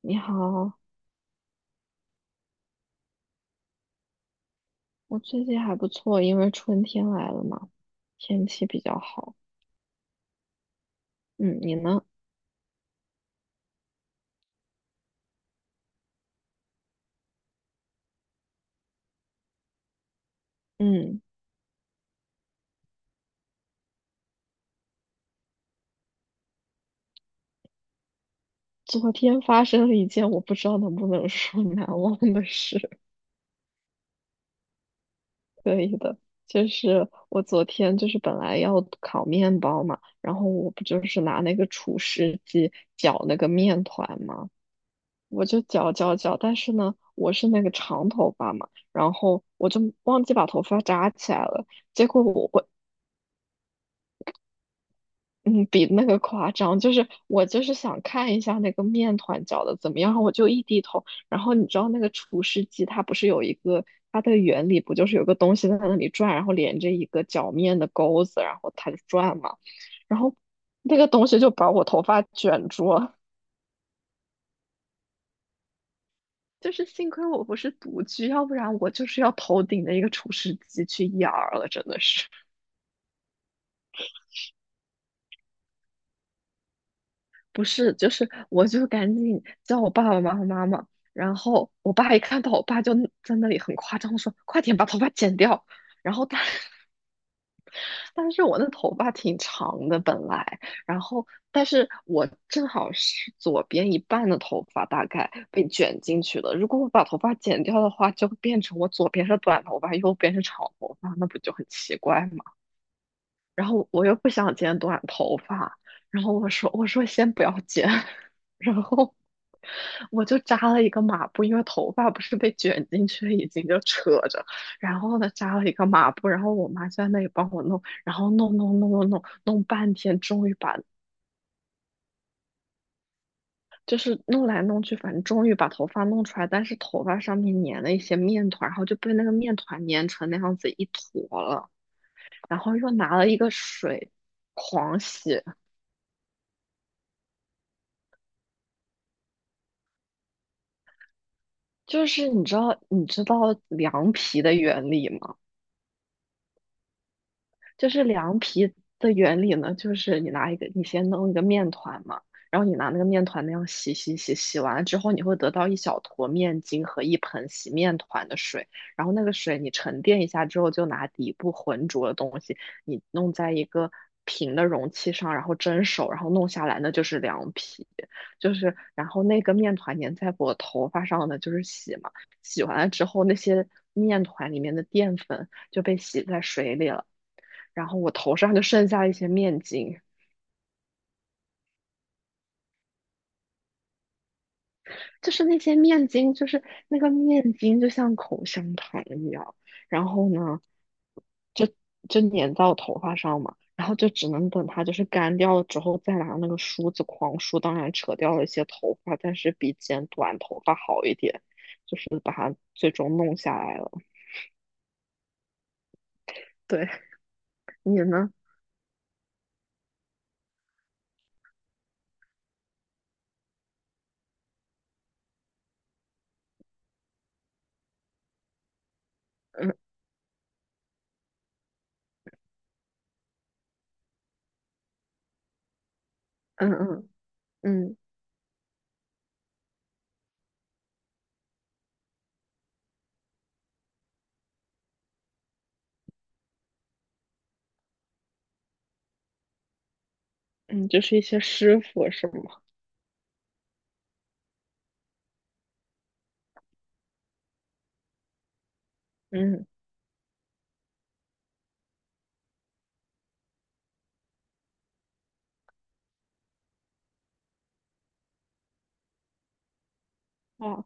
你好，我最近还不错，因为春天来了嘛，天气比较好。嗯，你呢？嗯，昨天发生了一件我不知道能不能说 难忘的事，可以的。就是我昨天就是本来要烤面包嘛，然后我不就是拿那个厨师机搅那个面团嘛，我就搅搅搅，但是呢，我是那个长头发嘛，然后我就忘记把头发扎起来了，结果我嗯，比那个夸张，就是我就是想看一下那个面团搅的怎么样，我就一低头，然后你知道那个厨师机它不是有一个它的原理不就是有个东西在那里转，然后连着一个搅面的钩子，然后它就转嘛，然后那个东西就把我头发卷住了。就是幸亏我不是独居，要不然我就是要头顶的一个厨师机去养儿了，真的是。不是，就是我就赶紧叫我爸爸妈妈，然后我爸一看到我爸就在那里很夸张的说：“快点把头发剪掉。”然后但是我那头发挺长的本来，然后但是我正好是左边一半的头发大概被卷进去了，如果我把头发剪掉的话，就会变成我左边是短头发，右边是长头发，那不就很奇怪吗？然后我又不想剪短头发，然后我说先不要剪，然后我就扎了一个马步，因为头发不是被卷进去，已经就扯着，然后呢扎了一个马步，然后我妈就在那里帮我弄，然后弄弄弄弄弄弄半天，终于把就是弄来弄去，反正终于把头发弄出来，但是头发上面粘了一些面团，然后就被那个面团粘成那样子一坨了，然后又拿了一个水狂洗。就是你知道凉皮的原理吗？就是凉皮的原理呢，就是你拿一个，你先弄一个面团嘛，然后你拿那个面团那样洗洗洗，洗完了之后，你会得到一小坨面筋和一盆洗面团的水，然后那个水你沉淀一下之后，就拿底部浑浊的东西，你弄在一个平的容器上，然后蒸熟，然后弄下来，那就是凉皮，就是然后那个面团粘在我头发上的就是洗嘛，洗完了之后那些面团里面的淀粉就被洗在水里了。然后我头上就剩下一些面筋，就是那些面筋，就是那个面筋就像口香糖一样，然后呢，就就粘到头发上嘛，然后就只能等它就是干掉了之后，再拿那个梳子狂梳，当然扯掉了一些头发，但是比剪短头发好一点，就是把它最终弄下来了。对，你呢？嗯嗯嗯嗯嗯，就是一些师傅是吗？嗯，哇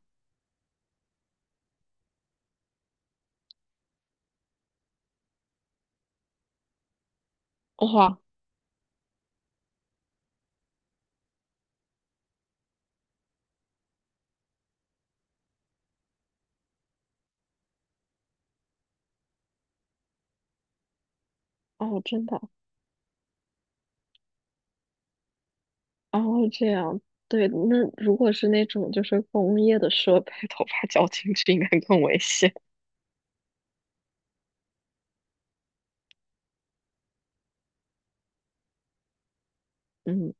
哇哦，真的。哦，这样，对，那如果是那种就是工业的设备，头发绞进去应该更危险。嗯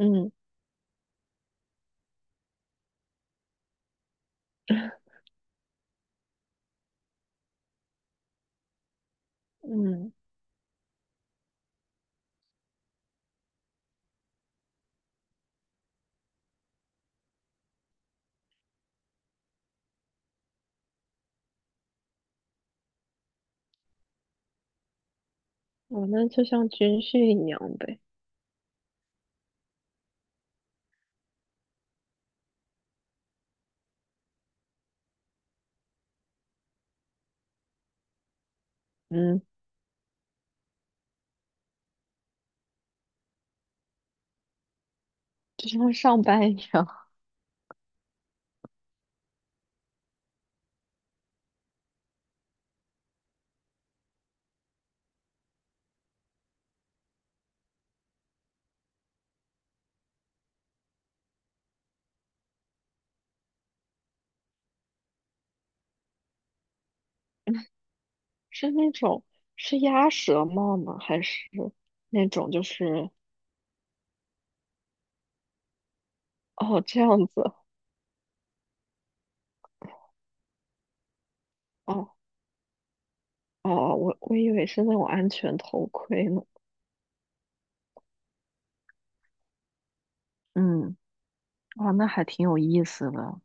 嗯嗯，哦，那就像军训一样呗。嗯，就像上班一样。是那种是鸭舌帽吗？还是那种就是哦这样子？哦哦，我以为是那种安全头盔呢。嗯，哇，那还挺有意思的。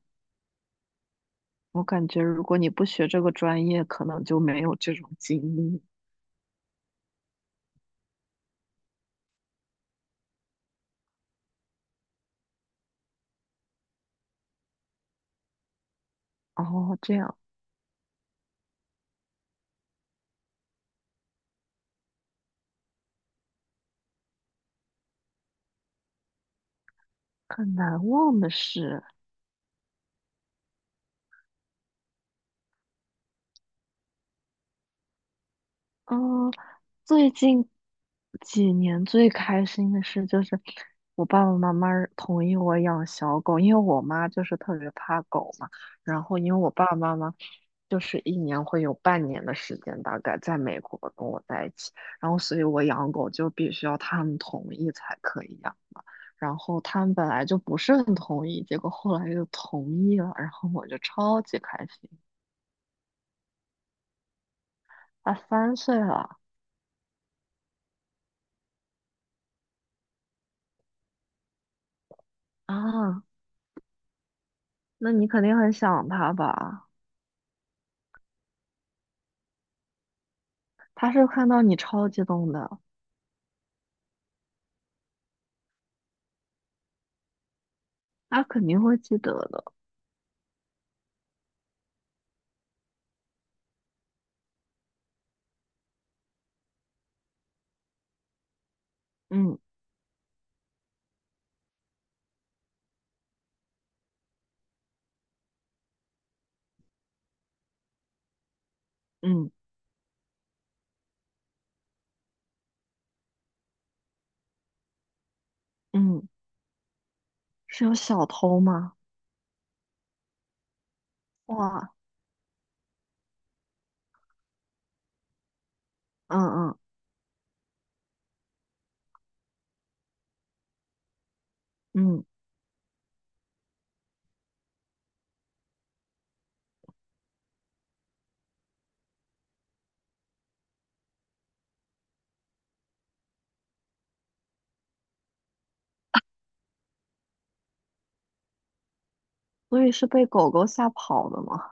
我感觉如果你不学这个专业，可能就没有这种经历。哦，这样很难忘的事，嗯，最近几年最开心的事就是我爸爸妈妈同意我养小狗，因为我妈就是特别怕狗嘛，然后因为我爸爸妈妈就是一年会有半年的时间大概在美国跟我在一起，然后所以我养狗就必须要他们同意才可以养嘛，然后他们本来就不是很同意，结果后来又同意了，然后我就超级开心。啊，3岁了啊，那你肯定很想他吧？他是看到你超激动的，他肯定会记得的。嗯嗯嗯，是有小偷吗？哇，嗯嗯嗯，所以是被狗狗吓跑的吗？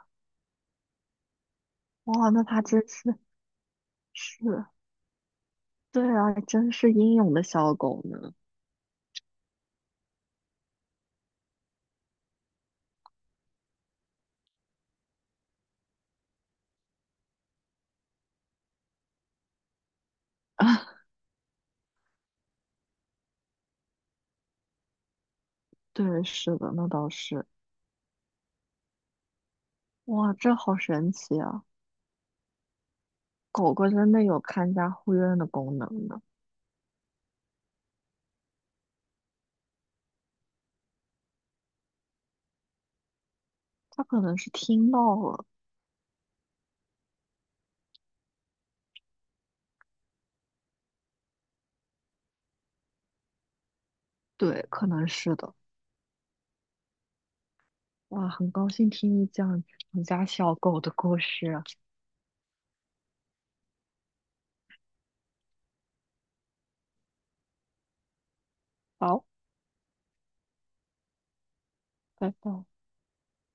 哇，那他真是是，对啊，真是英勇的小狗呢。对，是的，那倒是。哇，这好神奇啊！狗狗真的有看家护院的功能呢，它可能是听到了，对，可能是的。哇，很高兴听你讲你家小狗的故事。好，拜拜。